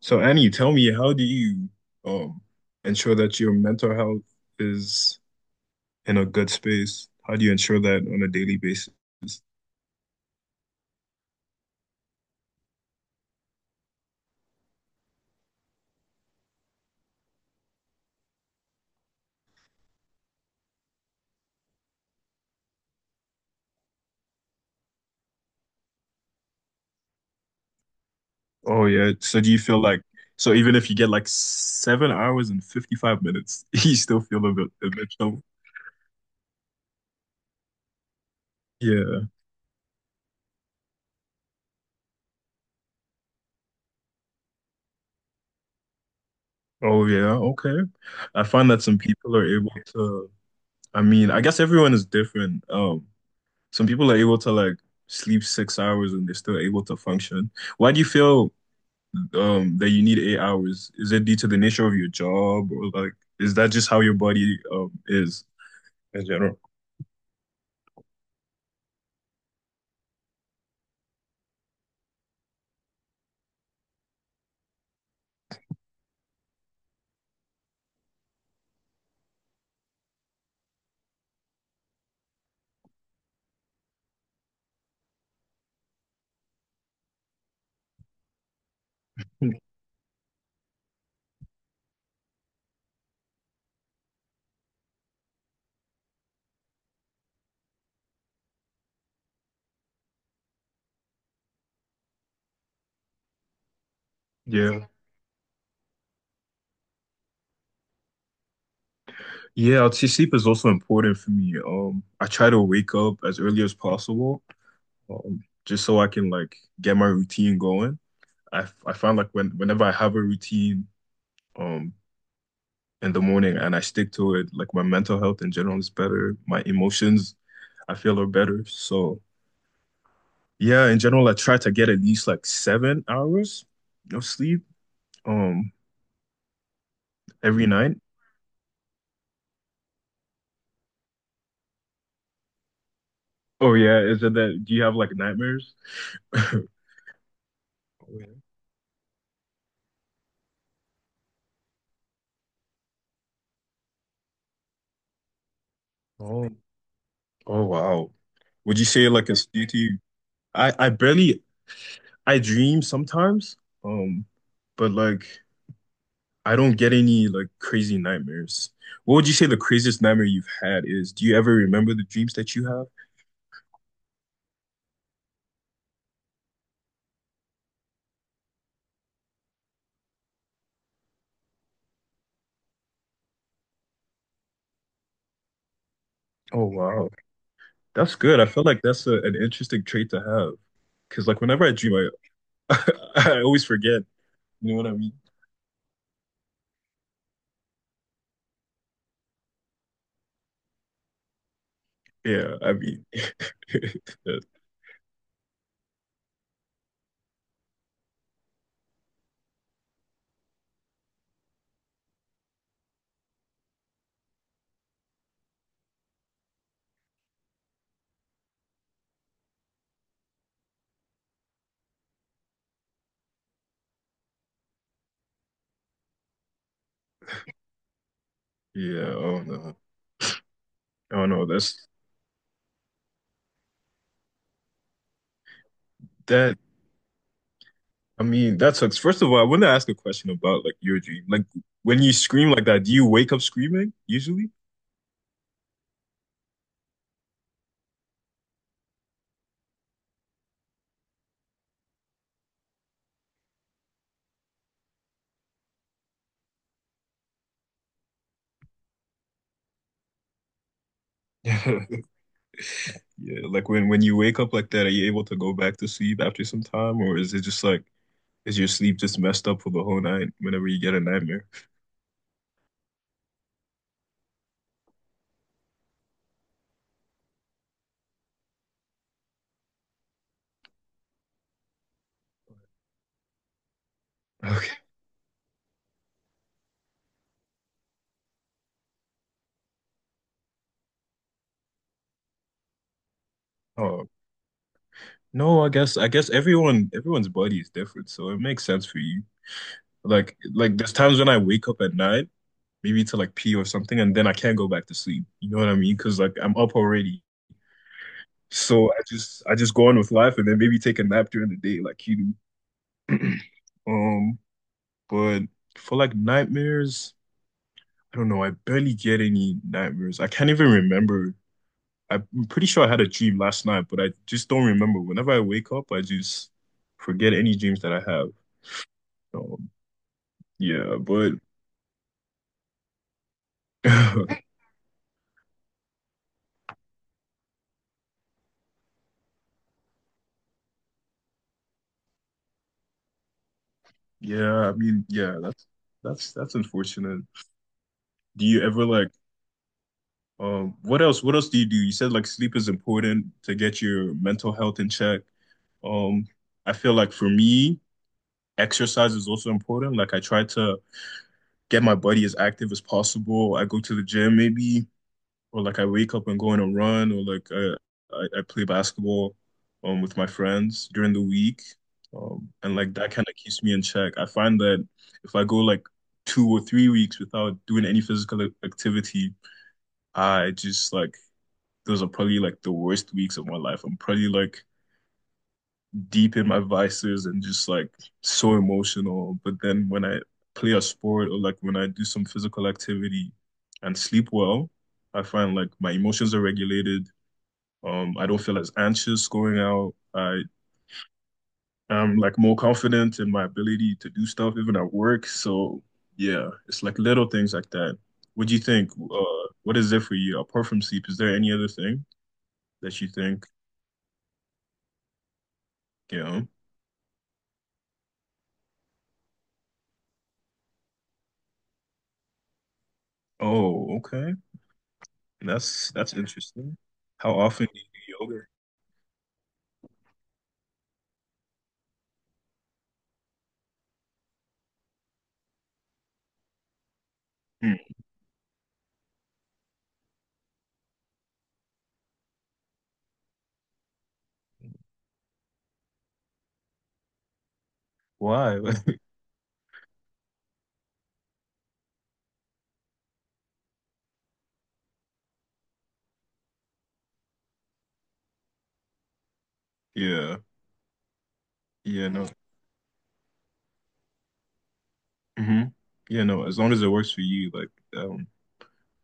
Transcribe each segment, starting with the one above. So Annie, tell me, how do you um ensure that your mental health is in a good space? How do you ensure that on a daily basis? Oh yeah. So do you feel like so even if you get like 7 hours and 55 minutes, you still feel a bit low? Yeah. Oh yeah. Okay. I find that some people are able to I mean, I guess everyone is different. Some people are able to like sleep 6 hours and they're still able to function. Why do you feel that you need 8 hours? Is it due to the nature of your job, or like is that just how your body is in general? Yeah. Yeah, I'd say sleep is also important for me. I try to wake up as early as possible, just so I can like get my routine going. I find like whenever I have a routine, um, in the morning, and I stick to it, like my mental health in general is better. My emotions, I feel, are better. So yeah, in general, I try to get at least like 7 hours of sleep um every night. Oh yeah, is it that do you have like nightmares? Oh, yeah. oh oh, wow. Would you say like it's due to you? I I barely I dream sometimes, um, but like I don't get any like crazy nightmares. What would you say the craziest nightmare you've had is? Do you ever remember the dreams that you have? Oh wow, that's good. I feel like that's an interesting trait to have, because like whenever I dream, I I always forget. You know what I mean? Yeah, I mean, that- yeah. Oh no, oh no. That's that. I mean, that sucks. First of all, I want to ask a question about like your dream. Like when you scream like that, do you wake up screaming usually? Yeah, like when you wake up like that, are you able to go back to sleep after some time, or is it just like is your sleep just messed up for the whole night whenever you get a nightmare? Okay. Oh no, I guess everyone's body is different, so it makes sense for you. Like there's times when I wake up at night, maybe to like pee or something, and then I can't go back to sleep. You know what I mean? Because like I'm up already, so I just go on with life and then maybe take a nap during the day, like you do. Um, but for like nightmares, I don't know. I barely get any nightmares. I can't even remember. I'm pretty sure I had a dream last night, but I just don't remember. Whenever I wake up, I just forget any dreams that I have. So yeah, but yeah, I mean, yeah, that's that's unfortunate. Do you ever like what else do? You said like sleep is important to get your mental health in check. Um, I feel like for me, exercise is also important. Like I try to get my body as active as possible. I go to the gym maybe, or like I wake up and go on a run, or I play basketball with my friends during the week, and like that kind of keeps me in check. I find that if I go like 2 or 3 weeks without doing any physical activity, I just like those are probably like the worst weeks of my life. I'm probably like deep in my vices and just like so emotional. But then when I play a sport or like when I do some physical activity and sleep well, I find like my emotions are regulated. I don't feel as anxious going out. I am like more confident in my ability to do stuff even at work. So yeah, it's like little things like that. What do you think? What is it for you apart from sleep? Is there any other thing that you think, you know? Oh, okay. That's interesting. How often do you do yoga? Hmm. Why? Yeah. Yeah, no. Hmm. Yeah, no. As long as it works for you, like um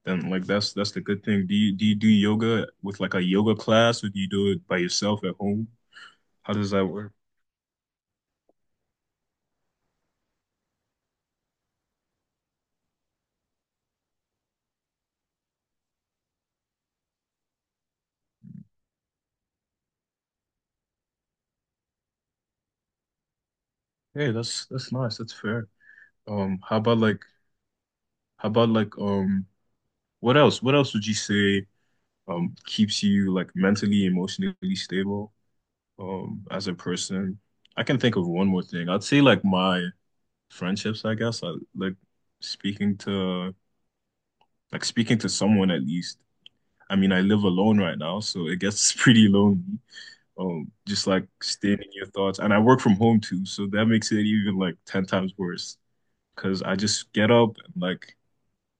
then like that's the good thing. Do you do yoga with like a yoga class, or do you do it by yourself at home? How does that work? Hey, that's nice. That's fair. Um, how about like how about like what else? What else would you say keeps you like mentally, emotionally stable as a person? I can think of one more thing. I'd say like my friendships, I guess. I like speaking to Like speaking to someone at least. I mean, I live alone right now, so it gets pretty lonely. Just like stating your thoughts, and I work from home too, so that makes it even like 10 times worse, because I just get up and like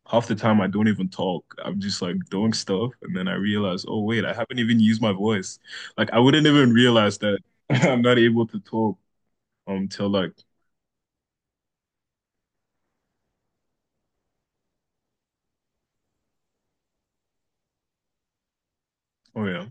half the time I don't even talk. I'm just like doing stuff and then I realize, oh wait, I haven't even used my voice. Like I wouldn't even realize that I'm not able to talk till like oh yeah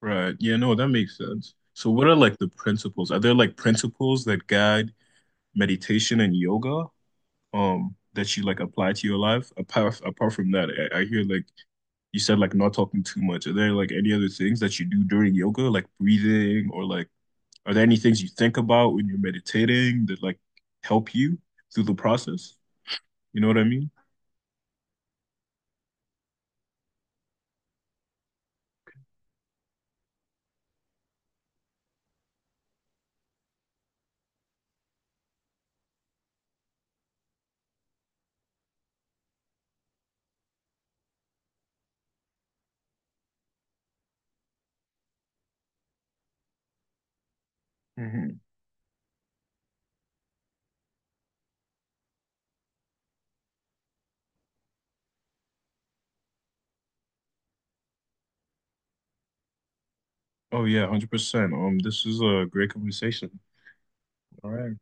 right. Yeah, no, that makes sense. So what are like the principles? Are there like principles that guide meditation and yoga that you like apply to your life apart from that? I hear like you said like not talking too much. Are there like any other things that you do during yoga, like breathing, or like are there any things you think about when you're meditating that like help you through the process? You know what I mean? Hmm. Oh yeah, 100%. This is a great conversation. All right.